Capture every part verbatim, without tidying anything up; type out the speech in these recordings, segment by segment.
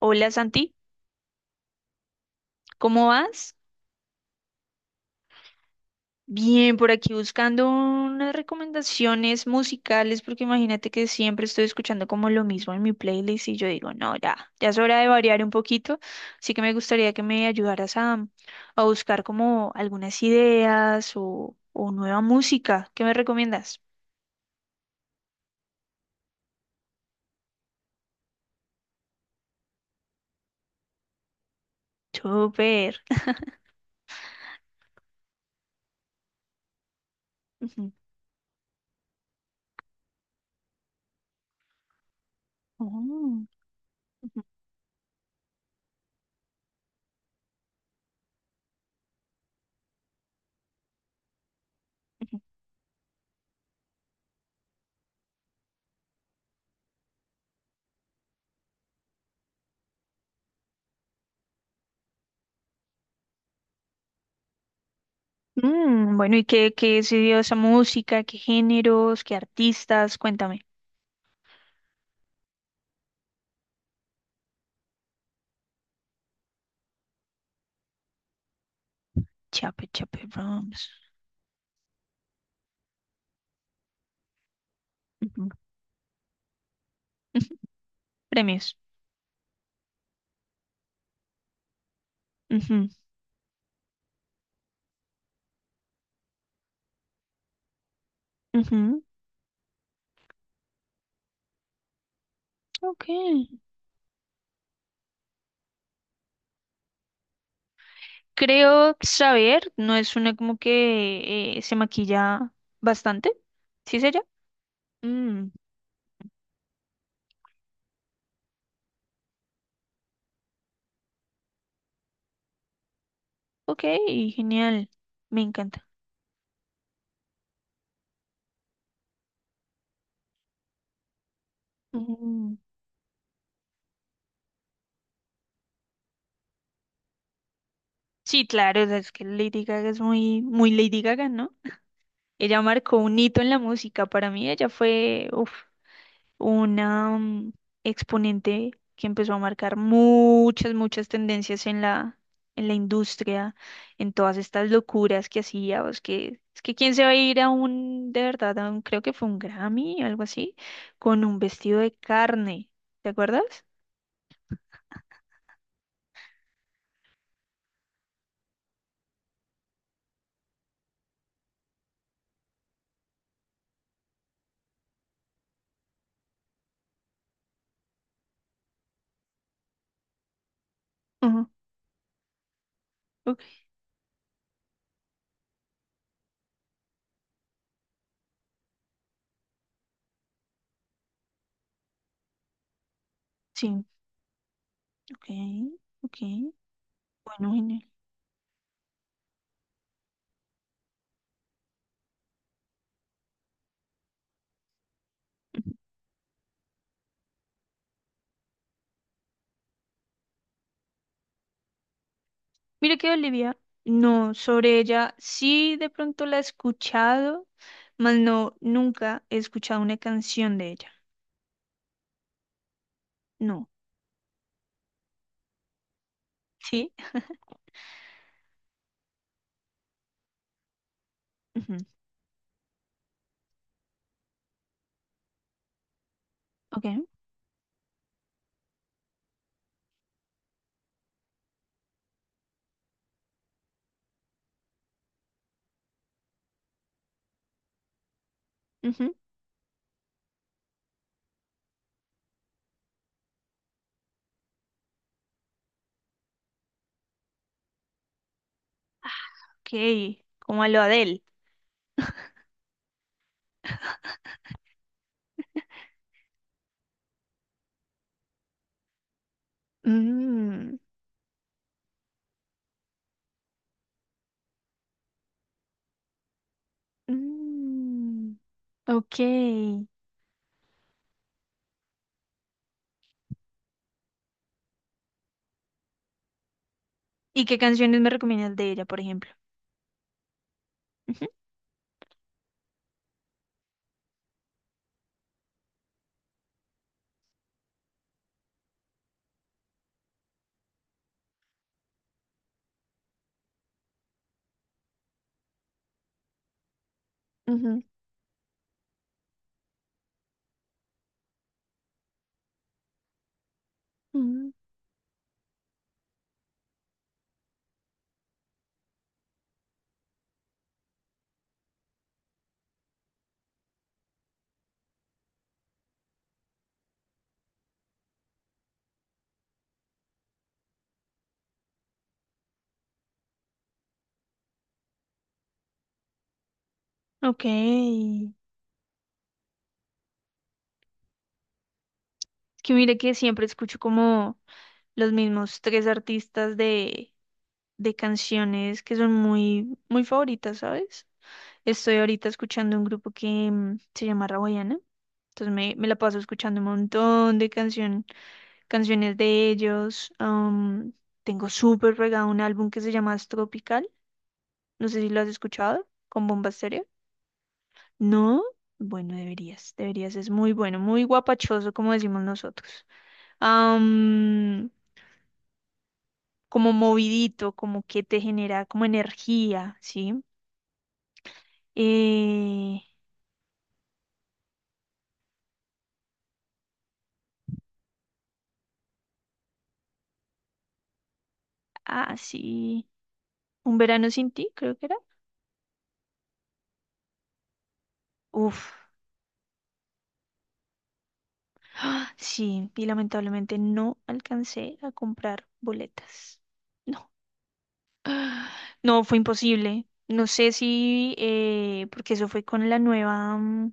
Hola Santi, ¿cómo vas? Bien, por aquí buscando unas recomendaciones musicales porque imagínate que siempre estoy escuchando como lo mismo en mi playlist y yo digo, no, ya, ya es hora de variar un poquito, así que me gustaría que me ayudaras a, a buscar como algunas ideas o, o nueva música. ¿Qué me recomiendas? Súper. Ujú. Oh, ujú, ujú. Mm, bueno, ¿y qué, qué es esa música? ¿Qué géneros? ¿Qué artistas? Cuéntame. Chape, chape, Brahms. Ujú. Ujú. Premios. Ujú, ujú. Ok. Creo saber, no es una como que eh, se maquilla bastante. ¿Sí es ella? Mm, ok, genial. Me encanta. Ujú. Sí, claro, o sea, es que Lady Gaga es muy, muy Lady Gaga, ¿no? Ella marcó un hito en la música. Para mí ella fue, uf, una mm, exponente que empezó a marcar muchas, muchas tendencias en la, en la industria, en todas estas locuras que hacía, o es que, es que quién se va a ir a un, de verdad, a un- creo que fue un Grammy algo así, con un vestido de carne, ¿te acuerdas? Ajá, ok. Sí, ok, ok, bueno, genial. Ujú. Mira que Olivia, no, sobre ella sí de pronto la he escuchado, mas no, nunca he escuchado una canción de ella. No. ¿Sí? Ujú. Ok. Ujú. Ok. Como lo Adele. Mm, mm. Ok. ¿Y qué canciones me recomiendas de ella, por ejemplo? Ujú, ujú, ujú. Ok. Es que mire que siempre escucho como los mismos tres artistas de, de canciones que son muy, muy favoritas, ¿sabes? Estoy ahorita escuchando un grupo que mm, se llama Rawayana. Entonces me, me la paso escuchando un montón de canciones canciones de ellos. am, tengo súper pegado un álbum que se llama Astropical. No sé si lo has escuchado, con Bomba Estéreo. No, bueno, deberías, deberías. Es muy bueno, muy guapachoso, como decimos nosotros. Am, como movidito, como que te genera como energía, ¿sí? Eh, ah, sí. Un verano sin ti, creo que era. Uf. ah, Sí, y lamentablemente no alcancé a comprar boletas. No. No, fue imposible. No sé si, eh, porque eso fue con la nueva mm,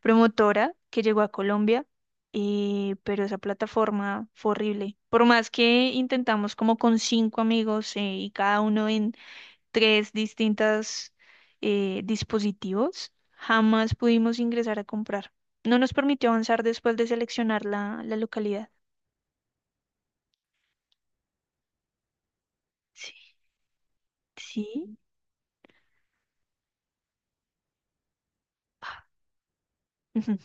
promotora que llegó a Colombia, eh, pero esa plataforma fue horrible. Por más que intentamos como con cinco amigos eh, y cada uno en tres distintas eh, dispositivos, jamás pudimos ingresar a comprar. No nos permitió avanzar después de seleccionar la, la localidad. Sí, sí. Ah, ujú,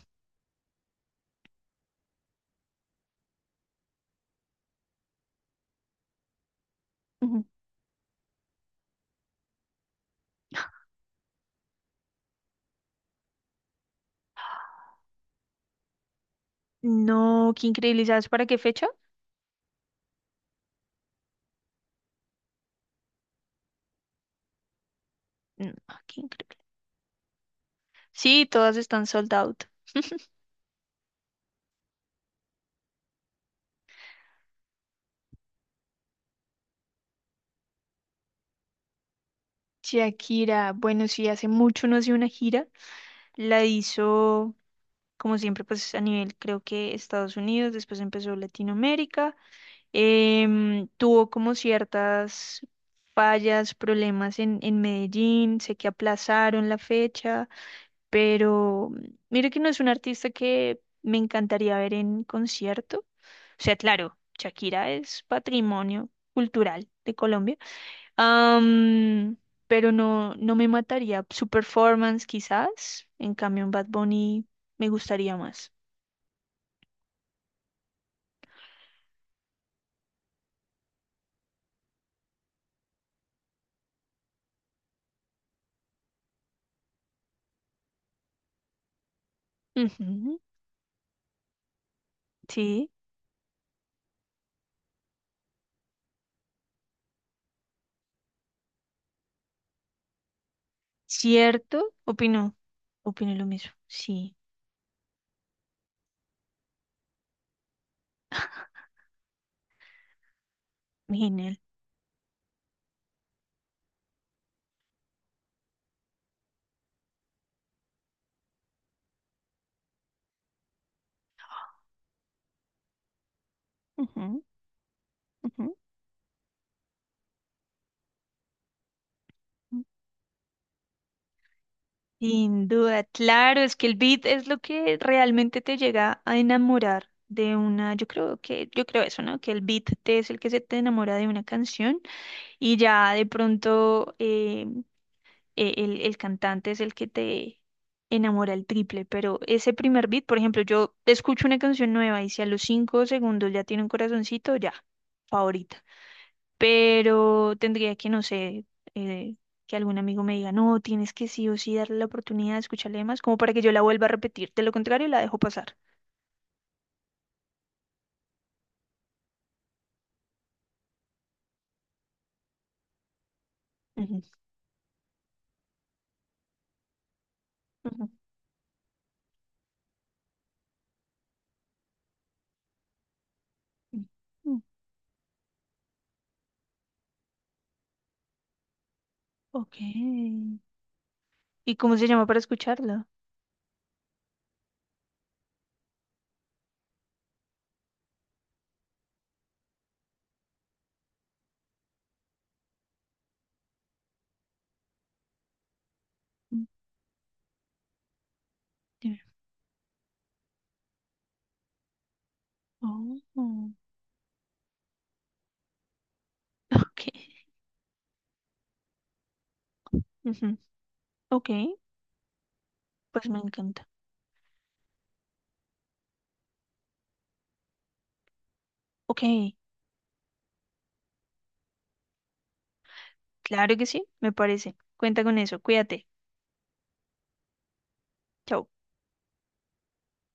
ujú. No, qué increíble. ¿Y sabes para qué fecha? No, qué increíble. Sí, todas están sold out. Shakira, bueno, sí, hace mucho no hacía una gira. La hizo, como siempre, pues a nivel, creo que Estados Unidos, después empezó Latinoamérica. Em, tuvo como ciertas fallas, problemas en, en Medellín, sé que aplazaron la fecha, pero mire que no es un artista que me encantaría ver en concierto. O sea, claro, Shakira es patrimonio cultural de Colombia. Am, pero no, no me mataría. Su performance quizás, en cambio en Bad Bunny me gustaría más. Ujú. Sí, cierto, opino, opino lo mismo. Sí, genial. Ujú, ujú. Sin duda, claro, es que el beat es lo que realmente te llega a enamorar de una, yo creo que, yo creo eso, ¿no? Que el beat te es el que se te enamora de una canción y ya de pronto eh, eh, el, el cantante es el que te enamora el triple, pero ese primer beat, por ejemplo, yo escucho una canción nueva y si a los cinco segundos ya tiene un corazoncito, ya, favorita. Pero tendría que, no sé, eh, que algún amigo me diga, no, tienes que sí o sí darle la oportunidad de escucharle más, como para que yo la vuelva a repetir. De lo contrario, la dejo pasar. Ujú, ujú, ujú. Ok. ¿Y cómo se llama para escucharla? Mm, dime. Oh, oh. Ok. Ujú. Ok, pues me encanta. Ok, claro que sí, me parece. Cuenta con eso, cuídate. Chao